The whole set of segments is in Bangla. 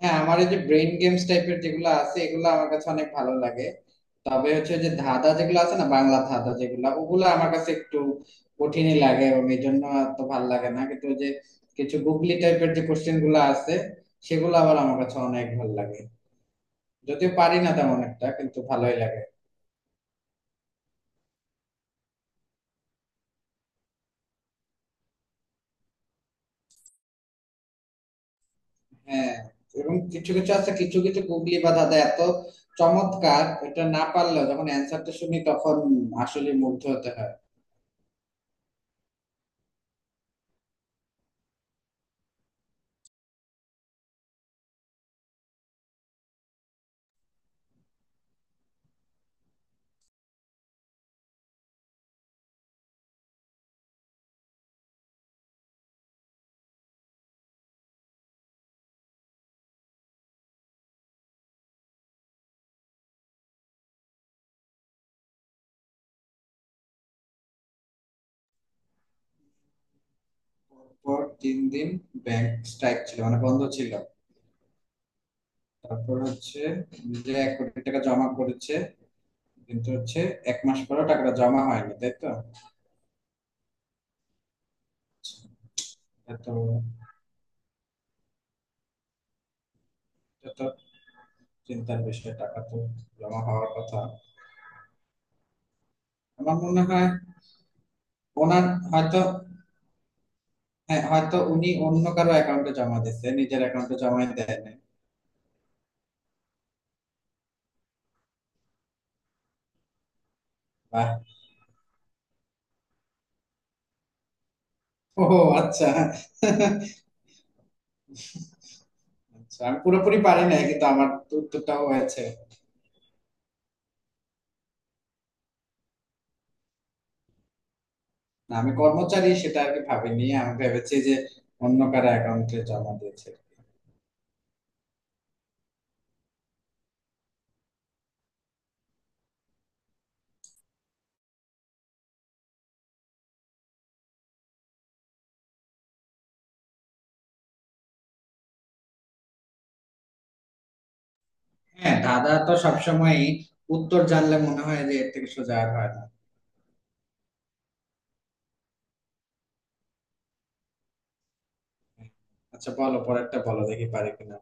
হ্যাঁ, আমার এই যে ব্রেন গেমস টাইপের যেগুলো আছে, এগুলো আমার কাছে অনেক ভালো লাগে। তবে হচ্ছে যে ধাঁধা যেগুলো আছে না, বাংলা ধাঁধা যেগুলো, ওগুলো আমার কাছে একটু কঠিনই লাগে, এবং এই জন্য তো ভালো লাগে না। কিন্তু ওই যে কিছু গুগলি টাইপের যে কোশ্চেন গুলো আছে, সেগুলো আবার আমার কাছে অনেক ভালো লাগে। যদিও পারি না তেমন একটা, কিন্তু ভালোই লাগে। হ্যাঁ। এবং কিছু কিছু আছে, কিছু কিছু গুগলি বা ধাঁধা এত চমৎকার, এটা না পারলেও যখন অ্যান্সারটা শুনি তখন আসলে মুগ্ধ হতে হয়। পর তিন দিন ব্যাংক স্ট্রাইক ছিল, মানে বন্ধ ছিল। তারপর হচ্ছে যে এক কোটি টাকা জমা করেছে, কিন্তু হচ্ছে এক মাস পরেও টাকাটা জমা হয়নি, তাই তো? এত এত চিন্তার বিষয়, টাকা তো জমা হওয়ার কথা। আমার মনে হয় ওনার হয়তো, হ্যাঁ, হয়তো উনি অন্য কারো অ্যাকাউন্টে জমা দিচ্ছে, নিজের অ্যাকাউন্টে জমা দেয় নাই। বাহ। ও, আচ্ছা। আচ্ছা, আমি পুরোপুরি পারি নাই, কিন্তু আমার উত্তরটাও হয়েছে। না, আমি কর্মচারী সেটা আর কি ভাবিনি, আমি ভেবেছি যে অন্য কারো অ্যাকাউন্টে জমা দিয়েছে। হ্যাঁ দাদা, তো সবসময় উত্তর জানলে মনে হয় যে এর থেকে সোজা আর হয় না। আচ্ছা, বলো পরেরটা, বলো দেখি পারি কিনা।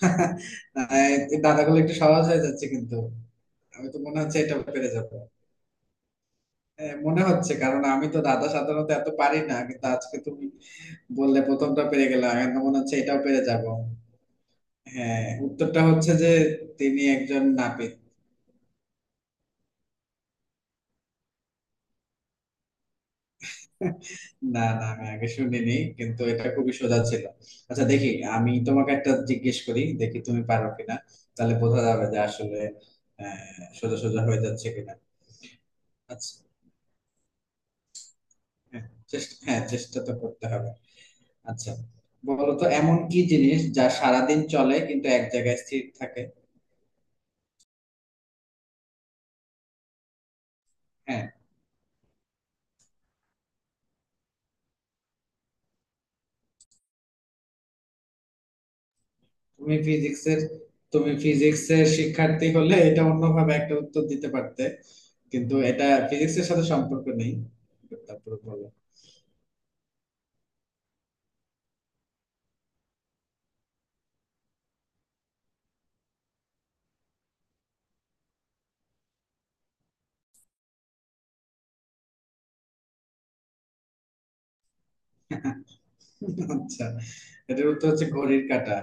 না, এই দাদাগুলো একটু সহজ হয়ে যাচ্ছে কিন্তু। আমি তো মনে হচ্ছে এটা পেরে যাবো। হ্যাঁ মনে হচ্ছে, কারণ আমি তো দাদা সাধারণত এত পারি না, কিন্তু আজকে তুমি বললে প্রথমটা পেরে গেলাম, এখন তো মনে হচ্ছে এটাও পেরে যাব। হ্যাঁ, উত্তরটা হচ্ছে যে তিনি একজন নাপিত। না না, আমি আগে শুনিনি, কিন্তু এটা খুবই সোজা ছিল। আচ্ছা দেখি, আমি তোমাকে একটা জিজ্ঞেস করি, দেখি তুমি পারো কিনা। তাহলে বোঝা যাবে যে আসলে সোজা সোজা হয়ে যাচ্ছে কিনা। আচ্ছা। হ্যাঁ, চেষ্টা তো করতে হবে। আচ্ছা, বলো তো এমন কি জিনিস যা সারাদিন চলে কিন্তু এক জায়গায় স্থির থাকে। হ্যাঁ। তুমি ফিজিক্সের তুমি ফিজিক্সের শিক্ষার্থী হলে এটা অন্যভাবে একটা উত্তর দিতে পারতে, কিন্তু এটা ফিজিক্সের সাথে সম্পর্ক নেই। তারপরে বলো। আচ্ছা, এটার উত্তর হচ্ছে ঘড়ির কাঁটা।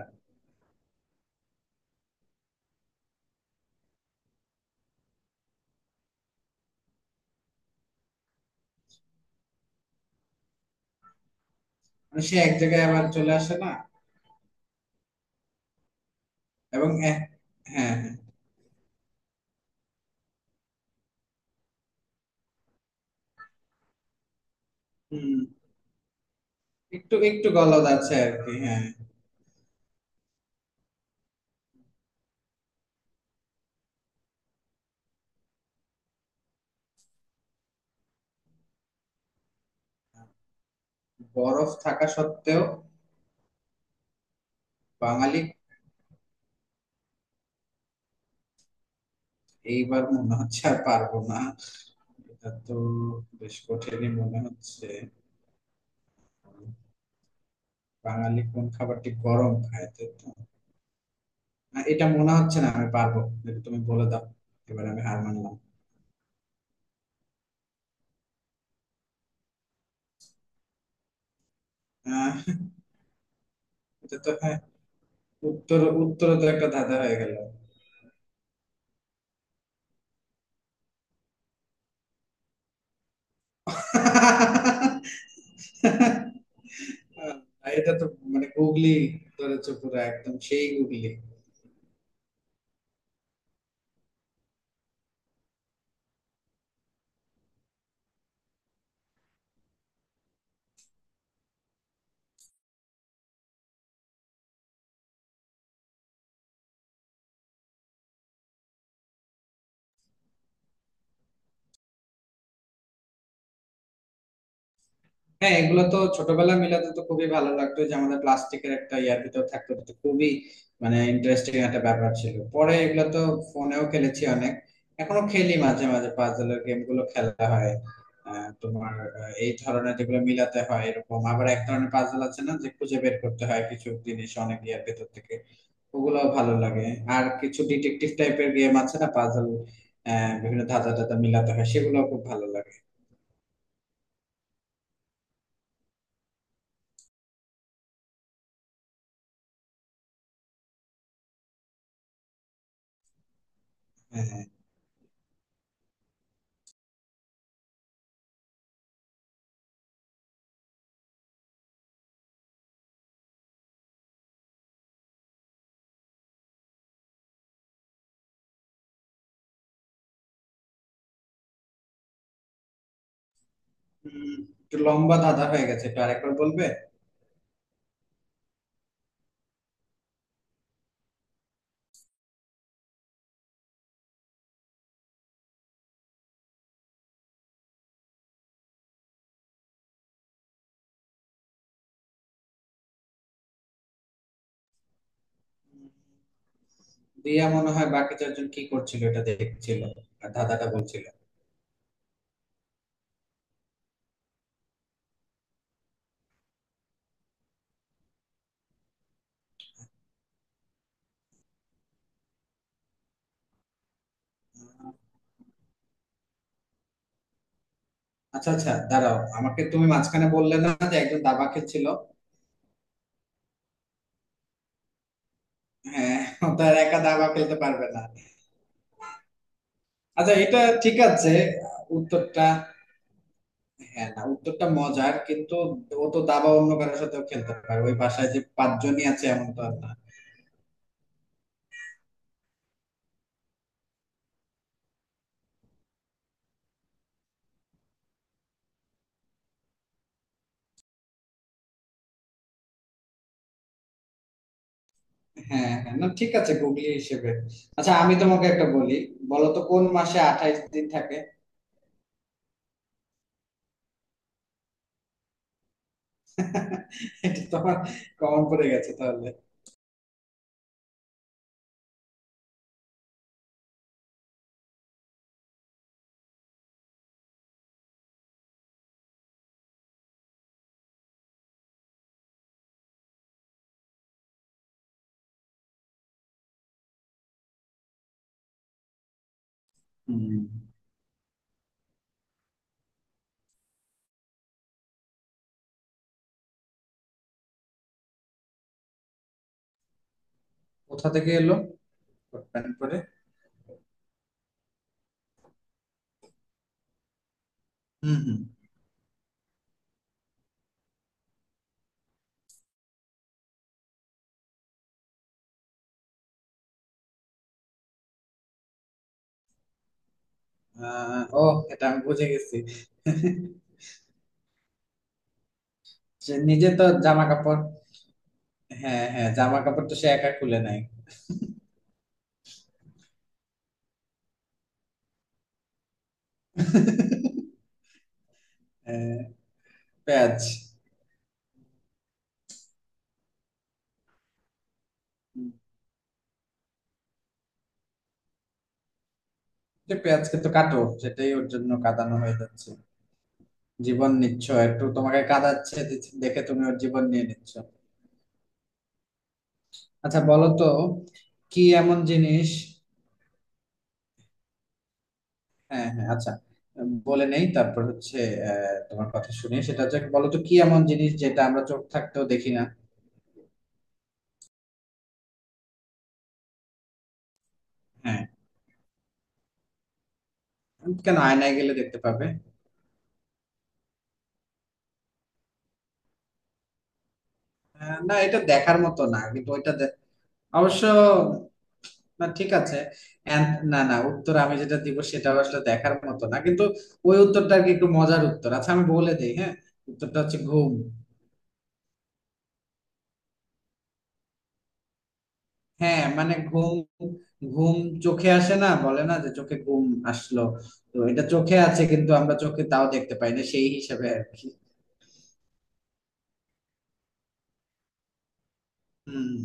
মানে সে এক জায়গায় আবার চলে আসে না? এবং এ- হ্যাঁ হ্যাঁ। হুম। একটু একটু গলদ আছে আর কি, হ্যাঁ। বরফ থাকা সত্ত্বেও বাঙালি। এইবার মনে হচ্ছে আর পারবো না। এটা তো বেশ কঠিনই মনে হচ্ছে। বাঙালি কোন খাবারটি গরম খায়, তাই তো? না, এটা মনে হচ্ছে না আমি পারবো। যদি তুমি বলে দাও, এবার আমি হার মানলাম। আহ, এটা তো, হ্যাঁ, উত্তর উত্তর তো একটা ধাঁধা হয়ে গেল। এটা তো মানে গুগলি, ধরেছে পুরো একদম সেই গুগলি। হ্যাঁ, এগুলো তো ছোটবেলায় মিলাতে তো খুবই ভালো লাগতো, যে আমাদের প্লাস্টিকের একটা ইয়ার ভিতর থাকতো, এটা তো খুবই মানে ইন্টারেস্টিং একটা ব্যাপার ছিল। পরে এগুলো তো ফোনেও খেলেছি অনেক। এখনো খেলি মাঝে মাঝে, পাজলের গেম গুলো খেলা হয়। আহ, তোমার এই ধরনের যেগুলো মিলাতে হয়, এরকম আবার এক ধরনের পাজল আছে না, যে খুঁজে বের করতে হয় কিছু জিনিস অনেক ইয়ার ভেতর থেকে, ওগুলো ভালো লাগে। আর কিছু ডিটেকটিভ টাইপের গেম আছে না, পাজল, বিভিন্ন ধাঁধা টাধা মিলাতে হয়, সেগুলো খুব ভালো লাগে। হ্যাঁ হ্যাঁ। উম, একটু লম্বা ধাঁধা হয়ে গেছে, একটু আরেকবার বলবে? দিয়া মনে হয় বাকি চারজন কি করছিল এটা দেখছিল, আর ধাঁধাটা বলছিল। আচ্ছা আচ্ছা, দাঁড়াও, আমাকে তুমি মাঝখানে বললে না যে একজন দাবা খেলছিল? হ্যাঁ, তার একা দাবা খেলতে পারবে না। আচ্ছা, এটা ঠিক আছে, উত্তরটা, হ্যাঁ না, উত্তরটা মজার কিন্তু, ও তো দাবা অন্য কারোর সাথেও খেলতে পারে, ওই বাসায় যে পাঁচজনই আছে এমন তো আর না। হ্যাঁ হ্যাঁ, না ঠিক আছে, গুগলি হিসেবে। আচ্ছা, আমি তোমাকে একটা বলি, বলো তো কোন মাসে আঠাইশ দিন থাকে। এটা তো আমার কমন পড়ে গেছে তাহলে। হুম। কোথা থেকে এলো, প্যান্ট পরে? হুম হুম। ও, এটা আমি বুঝে গেছি। সে নিজে তো জামা কাপড়, হ্যাঁ হ্যাঁ, জামা কাপড় তো সে একা খুলে নাই। হ্যাঁ। পেঁয়াজ। হুম, যে পেঁয়াজকে তো কাটো, সেটাই ওর জন্য কাঁদানো হয়ে যাচ্ছে। জীবন নিচ্ছ, একটু তোমাকে কাঁদাচ্ছে দেখে তুমি ওর জীবন নিয়ে নিচ্ছ। আচ্ছা বলো তো, কি এমন জিনিস। হ্যাঁ হ্যাঁ, আচ্ছা। বলে নেই, তারপর হচ্ছে আহ, তোমার কথা শুনে সেটা হচ্ছে, বলো তো কি এমন জিনিস যেটা আমরা চোখ থাকতেও দেখি না। হ্যাঁ। কেন, আয়নায় গেলে দেখতে পাবে। না, এটা দেখার মতো না, কিন্তু অবশ্য, না ঠিক আছে। না না, উত্তর আমি যেটা দিব সেটা আসলে দেখার মতো না, কিন্তু ওই উত্তরটা আর কি একটু মজার উত্তর। আচ্ছা আমি বলে দিই, হ্যাঁ, উত্তরটা হচ্ছে ঘুম। হ্যাঁ মানে ঘুম, ঘুম চোখে আসে না, বলে না যে চোখে ঘুম আসলো? তো এটা চোখে আছে, কিন্তু আমরা চোখে তাও দেখতে পাই না, সেই হিসাবে আর কি। হম।